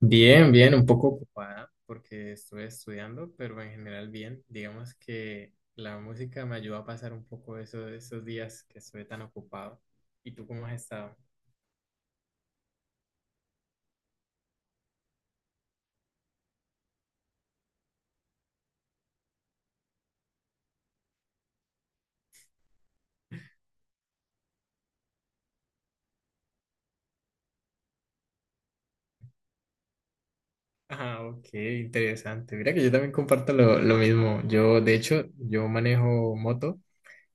Bien, bien, un poco ocupada porque estuve estudiando, pero en general bien. Digamos que la música me ayudó a pasar un poco eso, esos días que estuve tan ocupado. ¿Y tú cómo has estado? Ah, ok, interesante. Mira que yo también comparto lo mismo. Yo, de hecho, yo manejo moto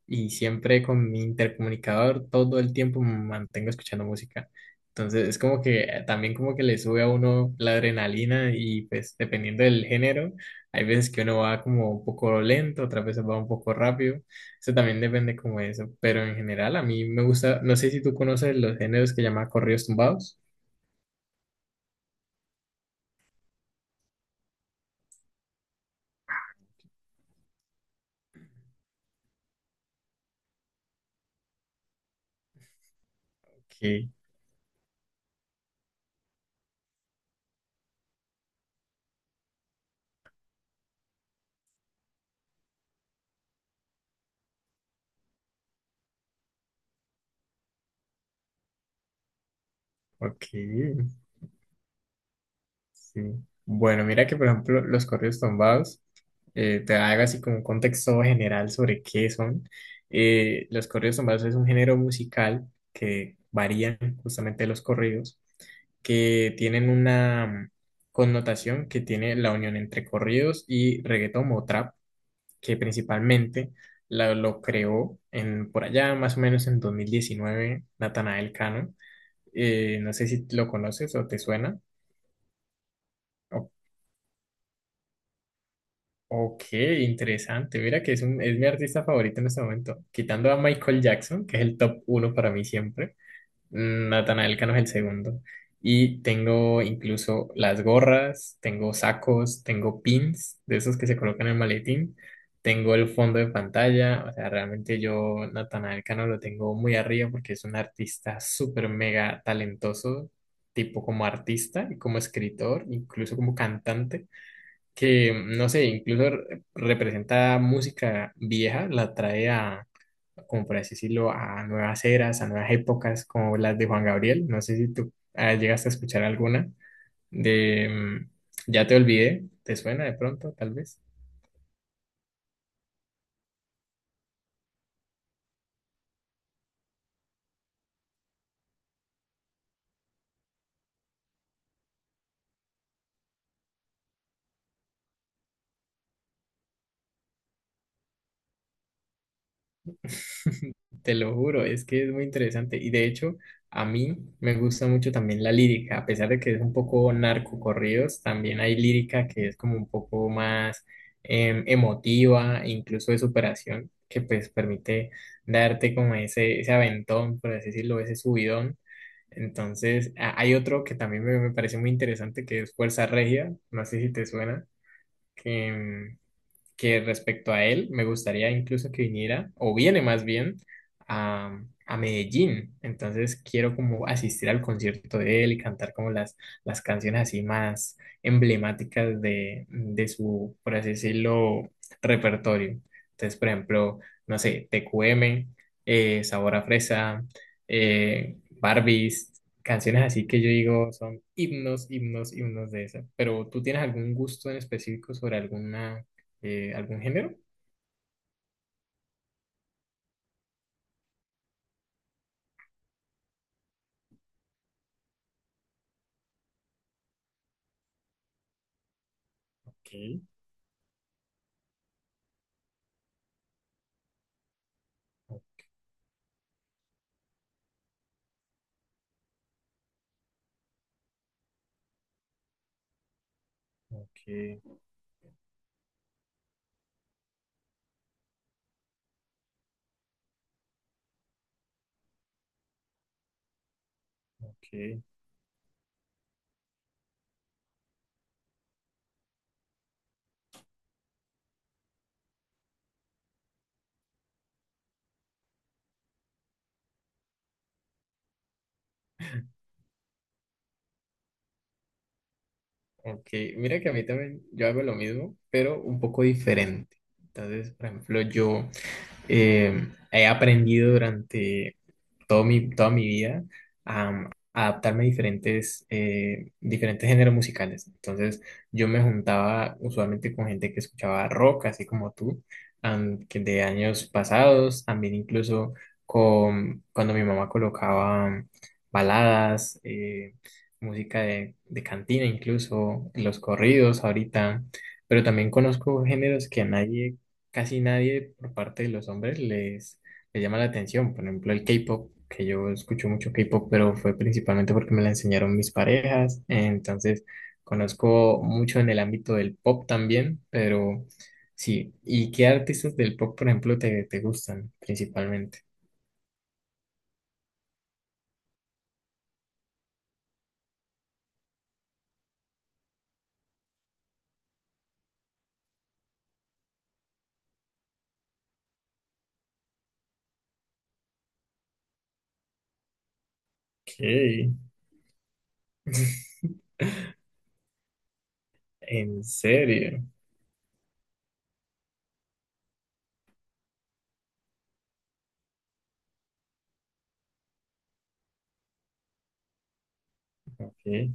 y siempre con mi intercomunicador todo el tiempo me mantengo escuchando música. Entonces es como que también como que le sube a uno la adrenalina y pues dependiendo del género, hay veces que uno va como un poco lento, otras veces va un poco rápido. Eso también depende como de eso, pero en general a mí me gusta, no sé si tú conoces los géneros que llama corridos tumbados. Ok, ok. Sí. Bueno, mira que por ejemplo los corridos tumbados, te hago así como un contexto general sobre qué son. Los corridos tumbados es un género musical que varían justamente de los corridos, que tienen una connotación que tiene la unión entre corridos y reggaetón o trap, que principalmente lo creó en, por allá más o menos en 2019 Natanael Cano. No sé si lo conoces o te suena. Ok, interesante. Mira que es, un, es mi artista favorito en este momento. Quitando a Michael Jackson, que es el top uno para mí siempre. Natanael Cano es el segundo. Y tengo incluso las gorras, tengo sacos, tengo pins de esos que se colocan en el maletín. Tengo el fondo de pantalla. O sea, realmente yo Natanael Cano lo tengo muy arriba porque es un artista súper mega talentoso, tipo como artista y como escritor, incluso como cantante que, no sé, incluso representa música vieja, la trae a, como por así decirlo, a nuevas eras, a nuevas épocas, como las de Juan Gabriel. No sé si tú llegaste a escuchar alguna de ya te olvidé, ¿te suena de pronto, tal vez? Te lo juro, es que es muy interesante. Y de hecho, a mí me gusta mucho también la lírica, a pesar de que es un poco narcocorridos, también hay lírica que es como un poco más emotiva, incluso de superación, que pues permite darte como ese aventón, por así decirlo, ese subidón. Entonces, hay otro que también me parece muy interesante, que es Fuerza Regia, no sé si te suena, que, que respecto a él, me gustaría incluso que viniera, o viene más bien, a Medellín. Entonces quiero como asistir al concierto de él y cantar como las canciones así más emblemáticas de su, por así decirlo, repertorio. Entonces, por ejemplo, no sé, TQM, Sabor a Fresa, Barbies. Canciones así que yo digo son himnos, himnos, himnos de esa. Pero ¿tú tienes algún gusto en específico sobre alguna algún género? Ok, ok, ok, ok. Mira que a mí también yo hago lo mismo, pero un poco diferente. Entonces, por ejemplo, yo he aprendido durante todo mi, toda mi vida a adaptarme a diferentes, diferentes géneros musicales. Entonces, yo me juntaba usualmente con gente que escuchaba rock, así como tú, que de años pasados, también incluso con, cuando mi mamá colocaba baladas, música de cantina, incluso los corridos ahorita. Pero también conozco géneros que a nadie casi nadie por parte de los hombres les, les llama la atención. Por ejemplo, el K-pop, que yo escucho mucho K-pop, pero fue principalmente porque me la enseñaron mis parejas. Entonces, conozco mucho en el ámbito del pop también, pero sí. ¿Y qué artistas del pop, por ejemplo, te gustan principalmente? Ok. ¿En serio? Ok.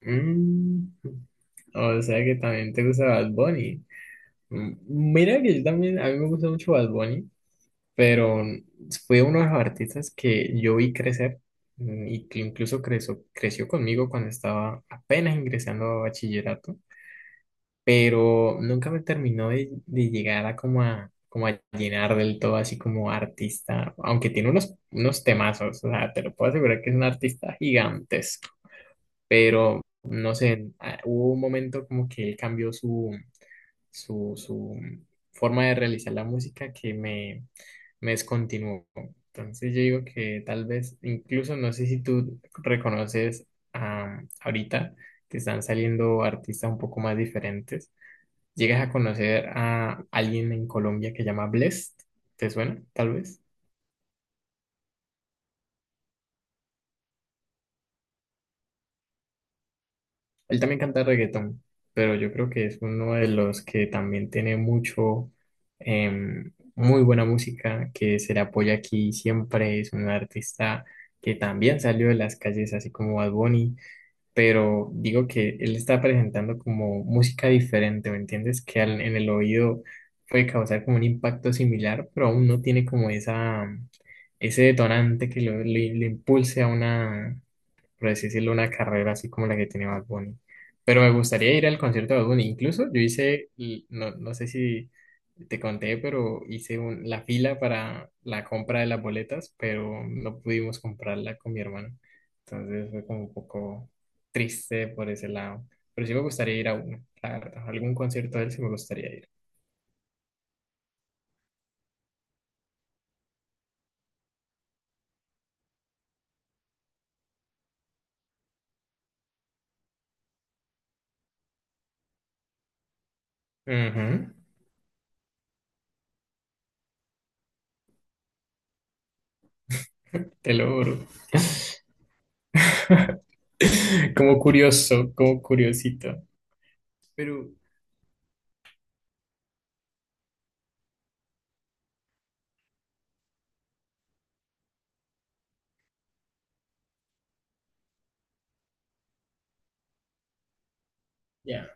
Mm, o sea que también te gusta Bad Bunny. Mm, mira que yo también, a mí me gusta mucho Bad Bunny. Pero fue uno de los artistas que yo vi crecer y que incluso creció, creció conmigo cuando estaba apenas ingresando a bachillerato, pero nunca me terminó de llegar a como a, como a llenar del todo así como artista, aunque tiene unos, unos temazos, o sea, te lo puedo asegurar que es un artista gigantesco, pero no sé, hubo un momento como que él cambió su su forma de realizar la música que me descontinuó. Entonces yo digo que tal vez, incluso no sé si tú reconoces ahorita que están saliendo artistas un poco más diferentes. ¿Llegas a conocer a alguien en Colombia que llama Blest? ¿Te suena, tal vez? Él también canta reggaetón, pero yo creo que es uno de los que también tiene mucho, muy buena música, que se le apoya aquí siempre. Es un artista que también salió de las calles, así como Bad Bunny, pero digo que él está presentando como música diferente, ¿me entiendes? Que en el oído puede causar como un impacto similar, pero aún no tiene como esa, ese detonante que lo, lo impulse a una por así decirlo, una carrera así como la que tiene Bad Bunny. Pero me gustaría ir al concierto de Bad Bunny. Incluso yo hice, y no, no sé si te conté, pero hice la fila para la compra de las boletas, pero no pudimos comprarla con mi hermano. Entonces fue como un poco triste por ese lado. Pero sí me gustaría ir a uno, la verdad. A algún concierto de él sí me gustaría ir. Ujú, te lo juro. Como curioso, como curiosito. Pero ya.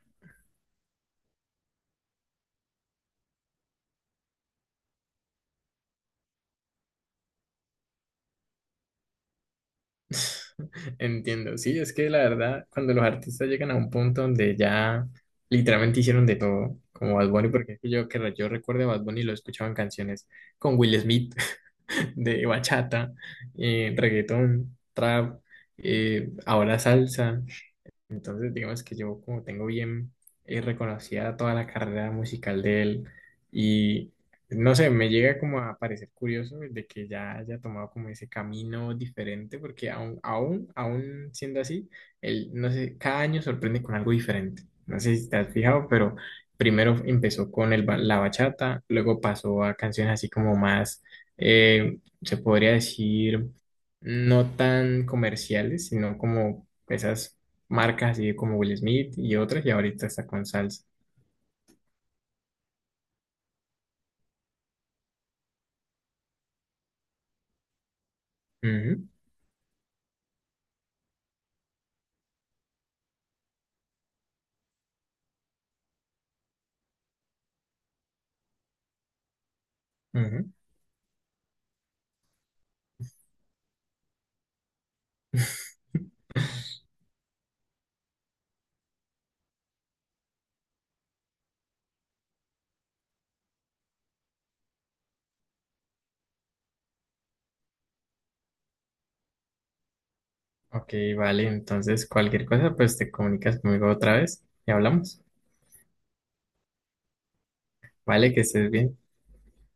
Entiendo, sí, es que la verdad, cuando los artistas llegan a un punto donde ya literalmente hicieron de todo, como Bad Bunny, porque es que yo que yo recuerdo a Bad Bunny lo escuchaba en canciones con Will Smith, de bachata, reggaetón, trap, ahora salsa. Entonces, digamos que yo como tengo bien reconocida toda la carrera musical de él y no sé, me llega como a parecer curioso de que ya haya tomado como ese camino diferente, porque aún, aún, aún siendo así, él, no sé, cada año sorprende con algo diferente. No sé si te has fijado, pero primero empezó con el, la bachata, luego pasó a canciones así como más, se podría decir no tan comerciales, sino como esas marcas así como Will Smith y otras, y ahorita está con salsa. Ujú, ujú. Ok, vale, entonces cualquier cosa, pues te comunicas conmigo otra vez y hablamos. Vale, que estés bien.